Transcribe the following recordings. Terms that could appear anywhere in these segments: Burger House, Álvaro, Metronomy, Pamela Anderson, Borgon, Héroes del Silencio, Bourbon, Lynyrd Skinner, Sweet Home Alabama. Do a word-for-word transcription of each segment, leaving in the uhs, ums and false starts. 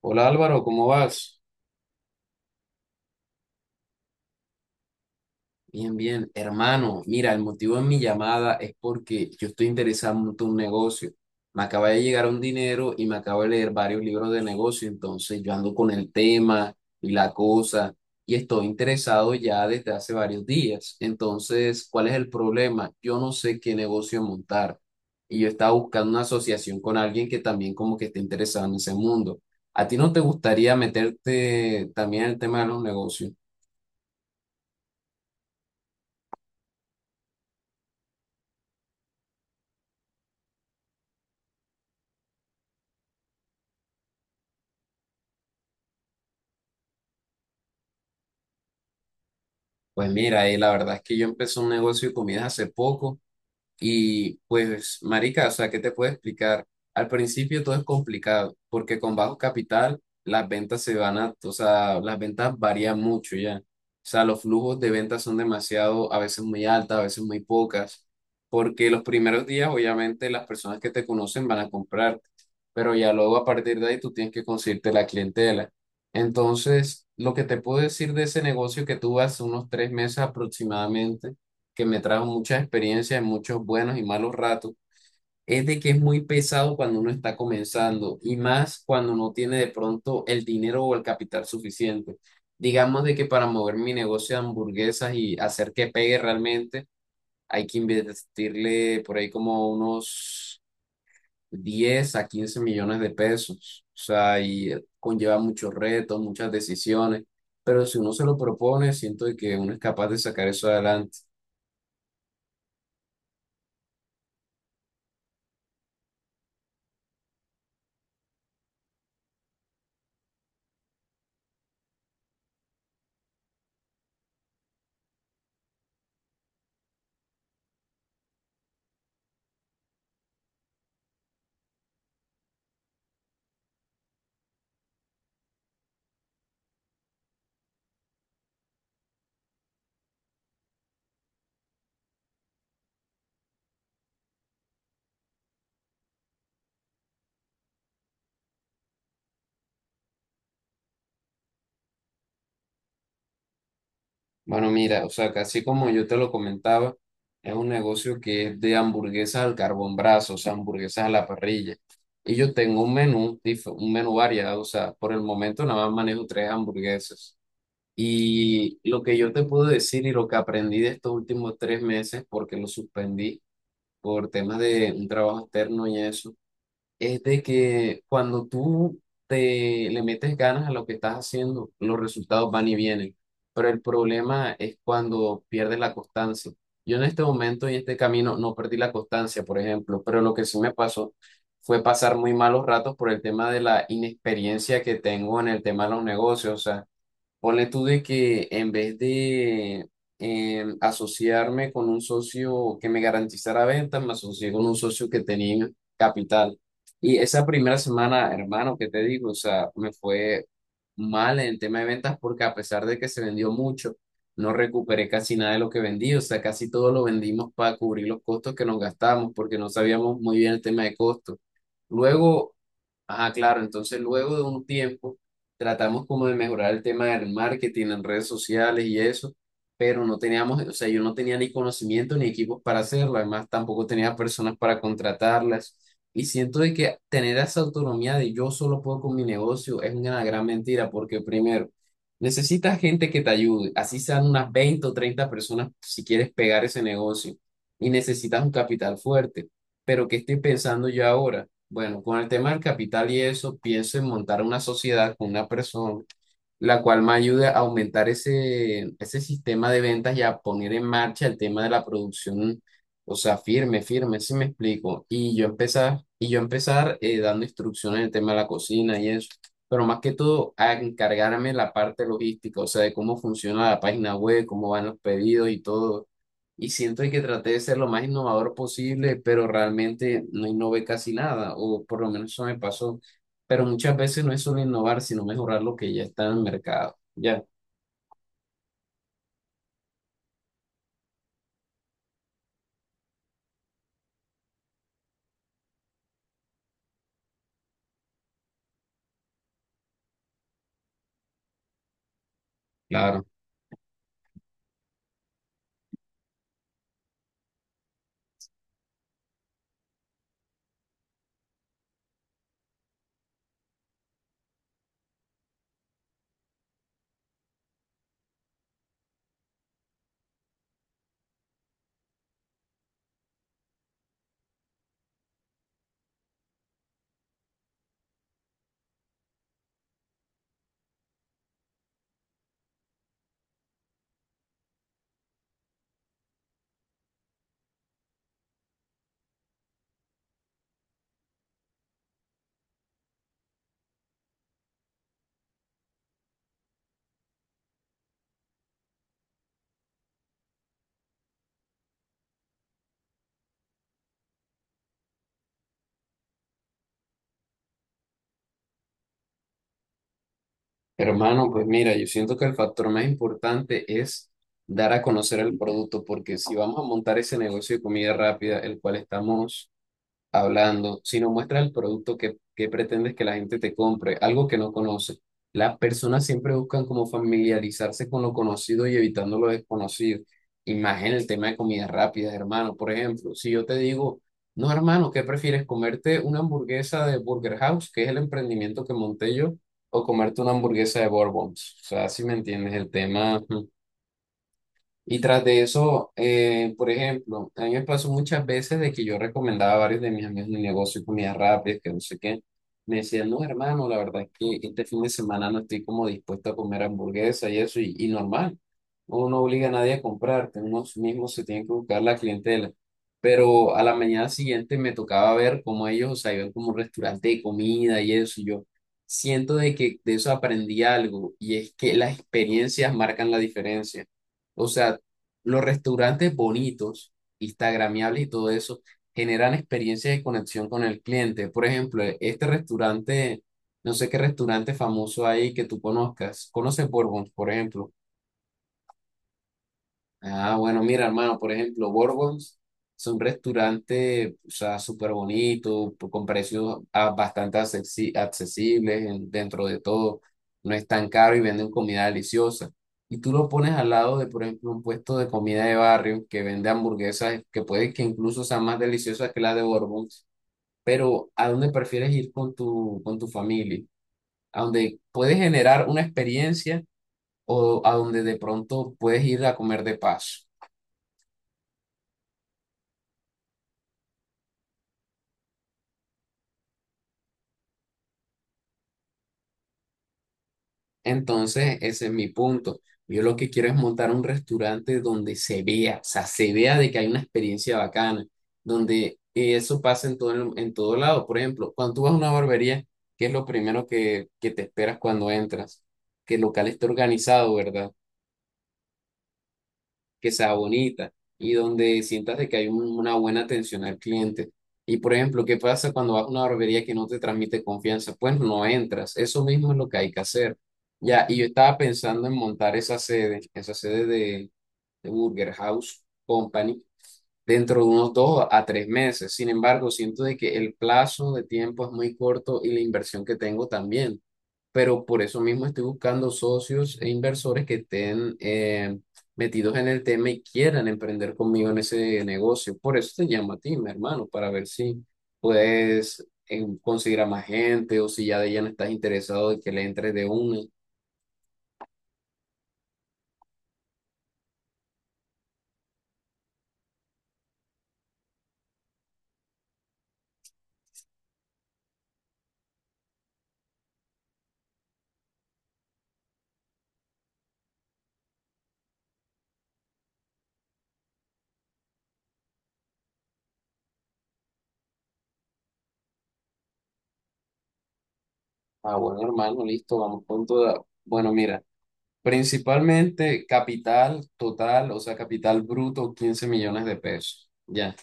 Hola Álvaro, ¿cómo vas? Bien, bien. Hermano, mira, el motivo de mi llamada es porque yo estoy interesado en montar un negocio. Me acaba de llegar un dinero y me acabo de leer varios libros de negocio, entonces yo ando con el tema y la cosa y estoy interesado ya desde hace varios días. Entonces, ¿cuál es el problema? Yo no sé qué negocio montar y yo estaba buscando una asociación con alguien que también como que esté interesado en ese mundo. ¿A ti no te gustaría meterte también en el tema de los negocios? Pues mira, y la verdad es que yo empecé un negocio de comidas hace poco. Y pues, marica, o sea, ¿qué te puedo explicar? Al principio todo es complicado, porque con bajo capital las ventas se van a, o sea, las ventas varían mucho ya. O sea, los flujos de ventas son demasiado, a veces muy altas, a veces muy pocas, porque los primeros días, obviamente, las personas que te conocen van a comprar, pero ya luego a partir de ahí tú tienes que conseguirte la clientela. Entonces, lo que te puedo decir de ese negocio que tuve hace unos tres meses aproximadamente, que me trajo muchas experiencias, muchos buenos y malos ratos, es de que es muy pesado cuando uno está comenzando y más cuando no tiene de pronto el dinero o el capital suficiente. Digamos de que para mover mi negocio de hamburguesas y hacer que pegue realmente, hay que invertirle por ahí como unos diez a quince millones de pesos. O sea, y conlleva muchos retos, muchas decisiones, pero si uno se lo propone, siento de que uno es capaz de sacar eso adelante. Bueno, mira, o sea, casi como yo te lo comentaba, es un negocio que es de hamburguesas al carbón brazo, o sea, hamburguesas a la parrilla. Y yo tengo un menú, dif- un menú variado, o sea, por el momento nada más manejo tres hamburguesas. Y lo que yo te puedo decir y lo que aprendí de estos últimos tres meses, porque lo suspendí por temas de un trabajo externo y eso, es de que cuando tú te le metes ganas a lo que estás haciendo, los resultados van y vienen. Pero el problema es cuando pierdes la constancia. Yo en este momento y este camino no perdí la constancia, por ejemplo, pero lo que sí me pasó fue pasar muy malos ratos por el tema de la inexperiencia que tengo en el tema de los negocios. O sea, ponle tú de que en vez de em, asociarme con un socio que me garantizara ventas, me asocié con un socio que tenía capital. Y esa primera semana, hermano, ¿que te digo? O sea, me fue mal en el tema de ventas porque a pesar de que se vendió mucho, no recuperé casi nada de lo que vendí. O sea, casi todo lo vendimos para cubrir los costos que nos gastamos porque no sabíamos muy bien el tema de costos. Luego Ajá, claro. Entonces, luego de un tiempo, tratamos como de mejorar el tema del marketing en redes sociales y eso, pero no teníamos, o sea, yo no tenía ni conocimiento ni equipos para hacerlo. Además, tampoco tenía personas para contratarlas. Y siento de que tener esa autonomía de yo solo puedo con mi negocio es una gran mentira, porque primero, necesitas gente que te ayude, así sean unas veinte o treinta personas si quieres pegar ese negocio. Y necesitas un capital fuerte. Pero ¿qué estoy pensando yo ahora? Bueno, con el tema del capital y eso, pienso en montar una sociedad con una persona la cual me ayude a aumentar ese, ese sistema de ventas y a poner en marcha el tema de la producción, o sea, firme, firme, si me explico. Y yo empezar, y yo empezar eh, dando instrucciones en el tema de la cocina y eso, pero más que todo a encargarme la parte logística, o sea, de cómo funciona la página web, cómo van los pedidos y todo. Y siento que traté de ser lo más innovador posible, pero realmente no innové casi nada, o por lo menos eso me pasó, pero muchas veces no es solo innovar, sino mejorar lo que ya está en el mercado. Ya. Claro, claro. Hermano, pues mira, yo siento que el factor más importante es dar a conocer el producto, porque si vamos a montar ese negocio de comida rápida, el cual estamos hablando, sino muestra el producto que, que pretendes que la gente te compre, algo que no conoce. Las personas siempre buscan como familiarizarse con lo conocido y evitando lo desconocido. Y más en el tema de comidas rápidas, hermano. Por ejemplo, si yo te digo, no, hermano, ¿qué prefieres? ¿Comerte una hamburguesa de Burger House, que es el emprendimiento que monté yo, o comerte una hamburguesa de Bourbons? O sea, si me entiendes el tema. Y tras de eso, eh, por ejemplo, a mí me pasó muchas veces de que yo recomendaba a varios de mis amigos mi negocio, comidas rápidas, que no sé qué. Me decían, no, hermano, la verdad es que este fin de semana no estoy como dispuesto a comer hamburguesa y eso, y, y normal. Uno no obliga a nadie a comprar, uno sí mismo se tiene que buscar la clientela. Pero a la mañana siguiente me tocaba ver cómo ellos, o sea, iban como un restaurante de comida y eso, y yo siento de que de eso aprendí algo, y es que las experiencias marcan la diferencia. O sea, los restaurantes bonitos, instagramiables y todo eso, generan experiencias de conexión con el cliente. Por ejemplo, e- este restaurante, no sé qué restaurante famoso hay que tú conozcas. ¿Conoces Bourbon, por ejemplo? Ah, bueno, mira, hermano, por ejemplo, Borgons es un restaurante, o sea, súper bonito, p- con precios ah, bastante accesi- accesibles en- dentro de todo. No es tan caro y venden comida deliciosa. Y tú lo pones al lado de, por ejemplo, un puesto de comida de barrio que vende hamburguesas que puede que incluso sean más deliciosas que la de Borgons. Pero ¿a dónde prefieres ir con tu, con tu familia? ¿A dónde puedes generar una experiencia o a donde de pronto puedes ir a comer de paso? Entonces, ese es mi punto. Yo lo que quiero es montar un restaurante donde se vea, o sea, se vea de que hay una experiencia bacana, donde eso pasa en todo, el- en todo lado. Por ejemplo, cuando tú vas a una barbería, ¿qué es lo primero que, que te esperas cuando entras? Que el local esté organizado, ¿verdad? Que sea bonita y donde sientas de que hay un- una buena atención al cliente. Y por ejemplo, ¿qué pasa cuando vas a una barbería que no te transmite confianza? Pues no entras. Eso mismo es lo que hay que hacer. Ya, y yo estaba pensando en montar esa sede, esa sede de, de Burger House Company dentro de unos dos a tres meses. Sin embargo, siento de que el plazo de tiempo es muy corto y la inversión que tengo también, pero por eso mismo estoy buscando socios e inversores que estén eh, metidos en el tema y quieran emprender conmigo en ese negocio. Por eso te llamo a ti, mi hermano, para ver si puedes eh, conseguir a más gente o si ya de ya no estás interesado de que le entres de una. Ah, bueno, hermano, listo, vamos con toda. Bueno, mira, principalmente capital total, o sea, capital bruto, quince millones de pesos. Ya.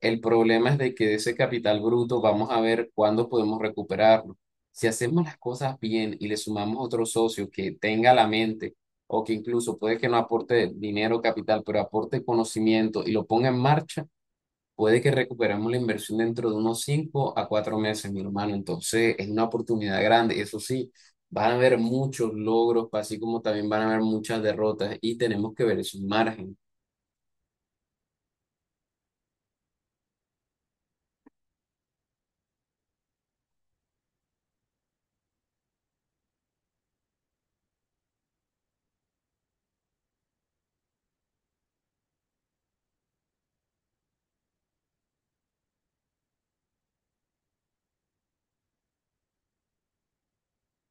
El problema es de que de ese capital bruto vamos a ver cuándo podemos recuperarlo. Si hacemos las cosas bien y le sumamos otro socio que tenga la mente o que incluso puede que no aporte dinero capital, pero aporte conocimiento y lo ponga en marcha, puede que recuperemos la inversión dentro de unos cinco a cuatro meses, mi hermano. Entonces es una oportunidad grande. Eso sí, van a haber muchos logros, así como también van a haber muchas derrotas y tenemos que ver esos márgenes.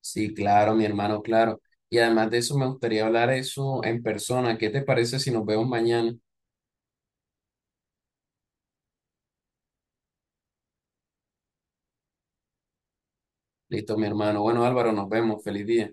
Sí, claro, mi hermano, claro. Y además de eso, me gustaría hablar eso en persona. ¿Qué te parece si nos vemos mañana? Listo, mi hermano. Bueno, Álvaro, nos vemos. Feliz día.